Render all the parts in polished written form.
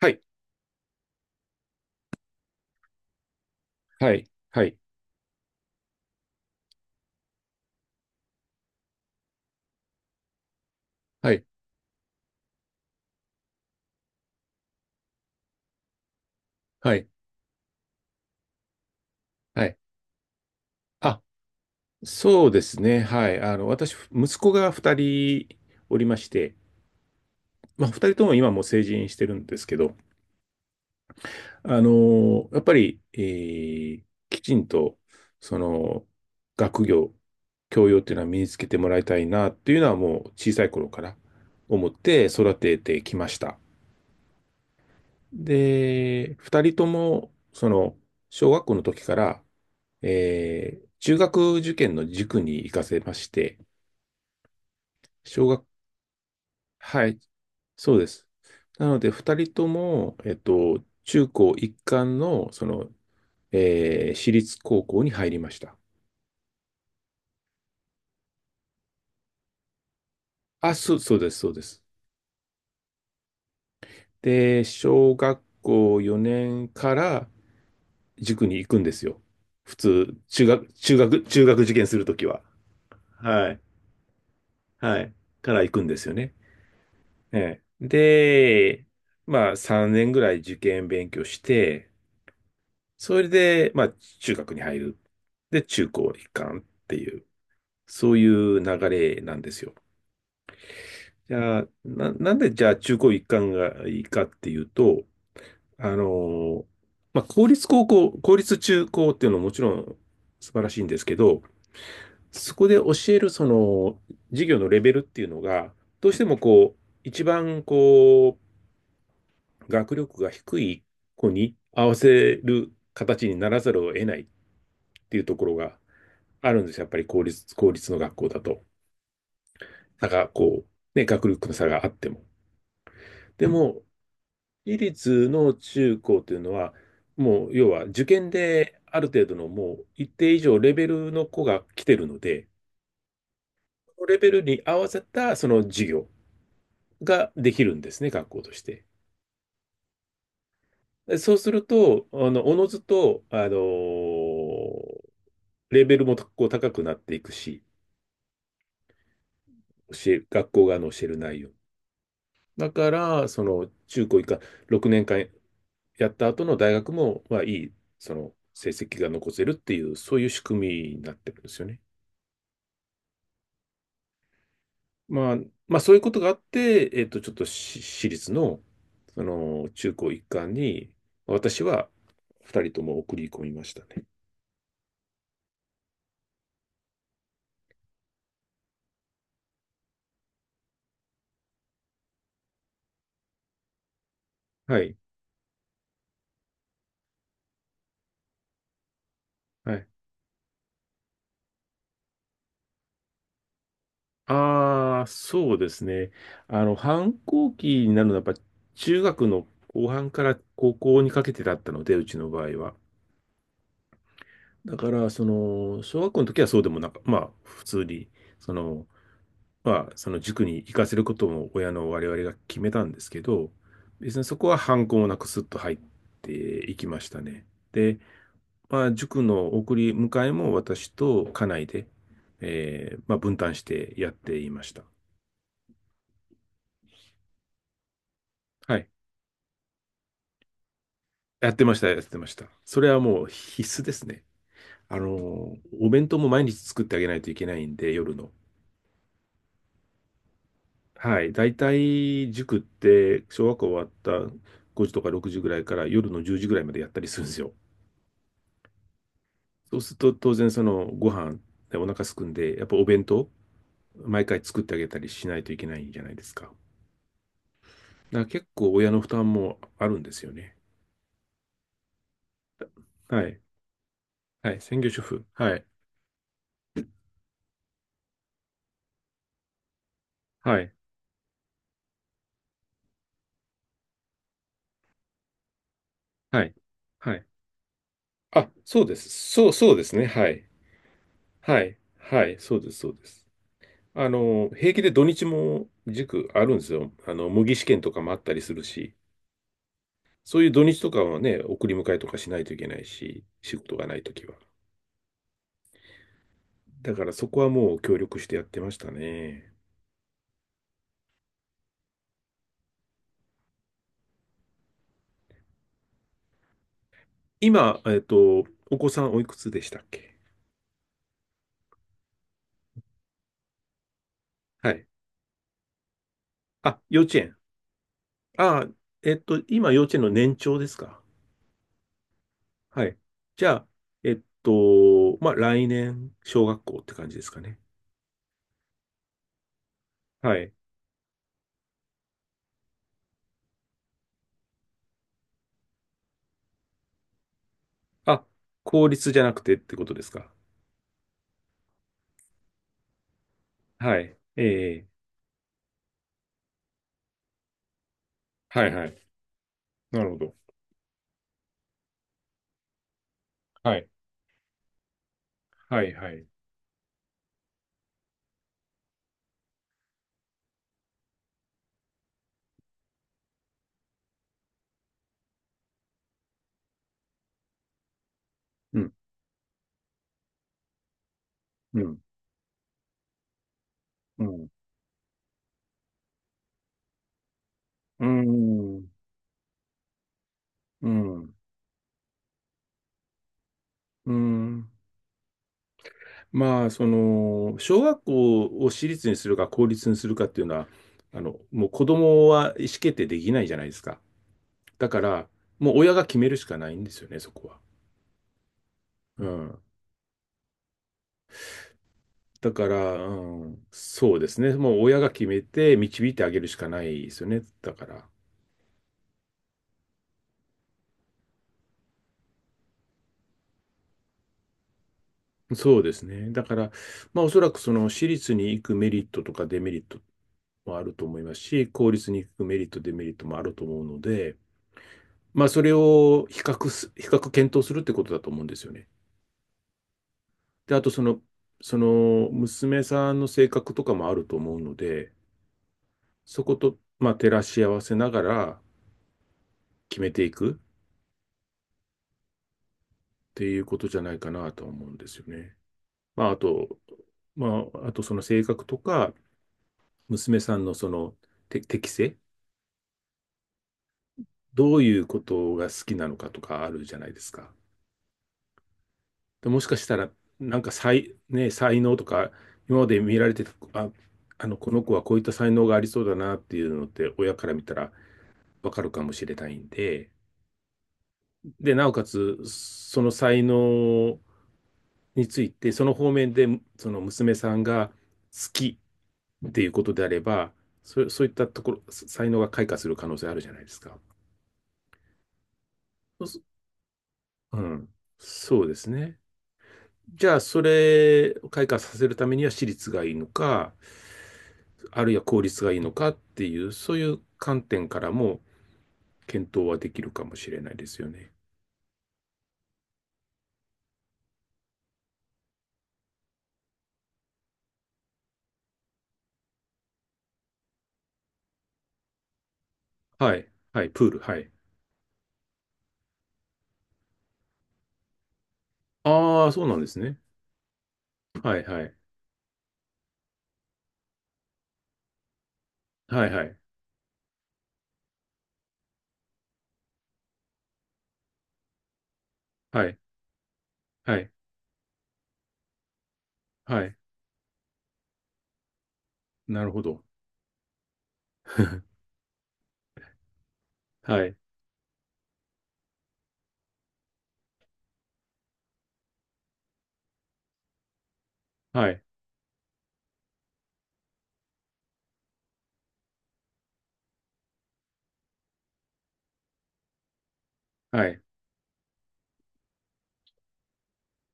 はい、はい、はい、はい、はい、はい。あ、そうですね。はい。私、息子が2人おりまして、まあ、2人とも今もう成人してるんですけど、やっぱり、ーきちんと、その、学業、教養っていうのは身につけてもらいたいなっていうのはもう小さい頃から思って育ててきました。で、2人とも、その、小学校の時から、中学受験の塾に行かせまして、小学、はい、そうです。なので、二人とも、中高一貫の、その、私立高校に入りました。あ、そう、そうです、そうです。で、小学校4年から塾に行くんですよ。普通、中学受験するときは。はい。はい。から行くんですよね。で、まあ3年ぐらい受験勉強して、それで、まあ中学に入る。で、中高一貫っていう、そういう流れなんですよ。じゃあ、なんでじゃあ中高一貫がいいかっていうと、あのーまあ公立高校、公立中高っていうのももちろん素晴らしいんですけど、そこで教えるその授業のレベルっていうのが、どうしてもこう、一番こう、学力が低い子に合わせる形にならざるを得ないっていうところがあるんですよ。やっぱり公立の学校だと。差が、こう、ね、学力の差があっても。でも、私立の中高というのは、もう、要は受験である程度のもう一定以上レベルの子が来てるので、そのレベルに合わせたその授業ができるんですね、学校として。でそうすると、おのずと、レベルもこう高くなっていくし、学校側の教える内容。だから、その中高以下、6年間やった後の大学も、まあ、その成績が残せるっていう、そういう仕組みになってるんですよね。まあ、まあ、そういうことがあって、ちょっとし私立の、その中高一貫に、私は2人とも送り込みましたね。はい。はいああ、そうですね。反抗期になるのは、やっぱ中学の後半から高校にかけてだったので、うちの場合は。だから、その、小学校の時はそうでもなか、まあ、普通に、その、まあ、その塾に行かせることも親の我々が決めたんですけど、別にそこは反抗もなくスッと入っていきましたね。で、まあ、塾の送り迎えも私と家内で、まあ、分担してやっていました。はい。やってました、やってました。それはもう必須ですね。あの、お弁当も毎日作ってあげないといけないんで、夜の。はい。だいたい塾って、小学校終わった5時とか6時ぐらいから夜の10時ぐらいまでやったりするんですよ。そうすると、当然そのご飯でお腹すくんで、やっぱお弁当、毎回作ってあげたりしないといけないじゃないですか。だから結構親の負担もあるんですよね。はい。はい。専業主婦。はい。はい。はい。はい。あ、そうです。そう、そうですね。はい。はい、はい、そうです、そうです。平気で土日も塾あるんですよ。模擬試験とかもあったりするし、そういう土日とかはね、送り迎えとかしないといけないし、仕事がないときは。だからそこはもう協力してやってましたね。今、お子さんおいくつでしたっけ？はい。あ、幼稚園。あ、今幼稚園の年長ですか？はい。じゃあ、まあ、来年、小学校って感じですかね。はい。あ、効率じゃなくてってことですか？はい。ええ。はいはい。なるほど。はい。はいはい。うん。うん。うん。うーん。うん。うん。まあ、その、小学校を私立にするか公立にするかっていうのは、もう子供は意思決定できないじゃないですか。だから、もう親が決めるしかないんですよね、そこは。うん。だから、うん、そうですね。もう親が決めて導いてあげるしかないですよね。だから。そうですね。だから、まあ、おそらくその私立に行くメリットとかデメリットもあると思いますし、公立に行くメリット、デメリットもあると思うので、まあ、それを比較検討するってことだと思うんですよね。で、あとその、その娘さんの性格とかもあると思うので、そこと、まあ、照らし合わせながら決めていくっていうことじゃないかなと思うんですよね。まあ、あと、その性格とか、娘さんのその、適性どういうことが好きなのかとかあるじゃないですか。でもしかしたら、なんか才、ね、才能とか、今まで見られてた、あ、この子はこういった才能がありそうだなっていうのって、親から見たらわかるかもしれないんで、で、なおかつ、その才能について、その方面で、その娘さんが好きっていうことであれば、そういったところ、才能が開花する可能性あるじゃないですか。そううん、そうですね。じゃあ、それを開花させるためには私立がいいのか、あるいは公立がいいのかっていう、そういう観点からも検討はできるかもしれないですよね。はい。はい。プール。はい。ああ、そうなんですね。はい。はい。はい。はい。はい。はい。はい。なるほど。はい。はい。はい。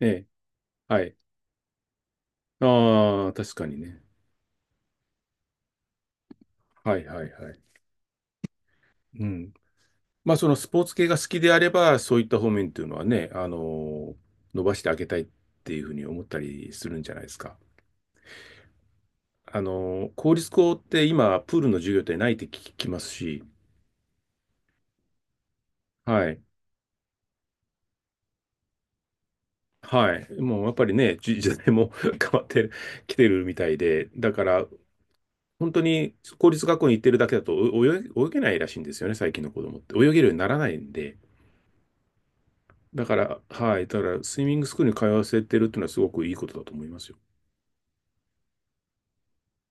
ええ。はい。ああ、確かにね。はい。はい。はい。うん。まあ、そのスポーツ系が好きであれば、そういった方面っていうのはね、伸ばしてあげたいっていうふうに思ったりするんじゃないですか。公立校って今、プールの授業ってないって聞きますし、はい。はい。もうやっぱりね、時 時代も 変わってきてるみたいで、だから、本当に公立学校に行ってるだけだとお泳げ、泳げないらしいんですよね、最近の子供って。泳げるようにならないんで。だから、はい。だから、スイミングスクールに通わせてるっていうのはすごくいいことだと思いますよ。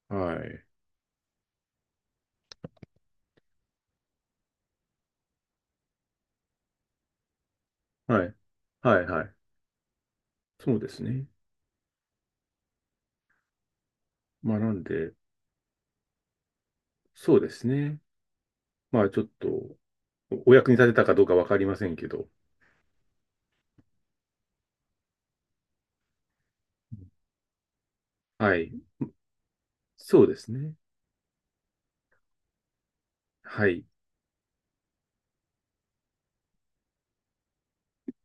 はい。はい。はいはい。そうですね。まあなんで、そうですね。まあちょっと、お役に立てたかどうかわかりませんけど。はい。そうですね。はい。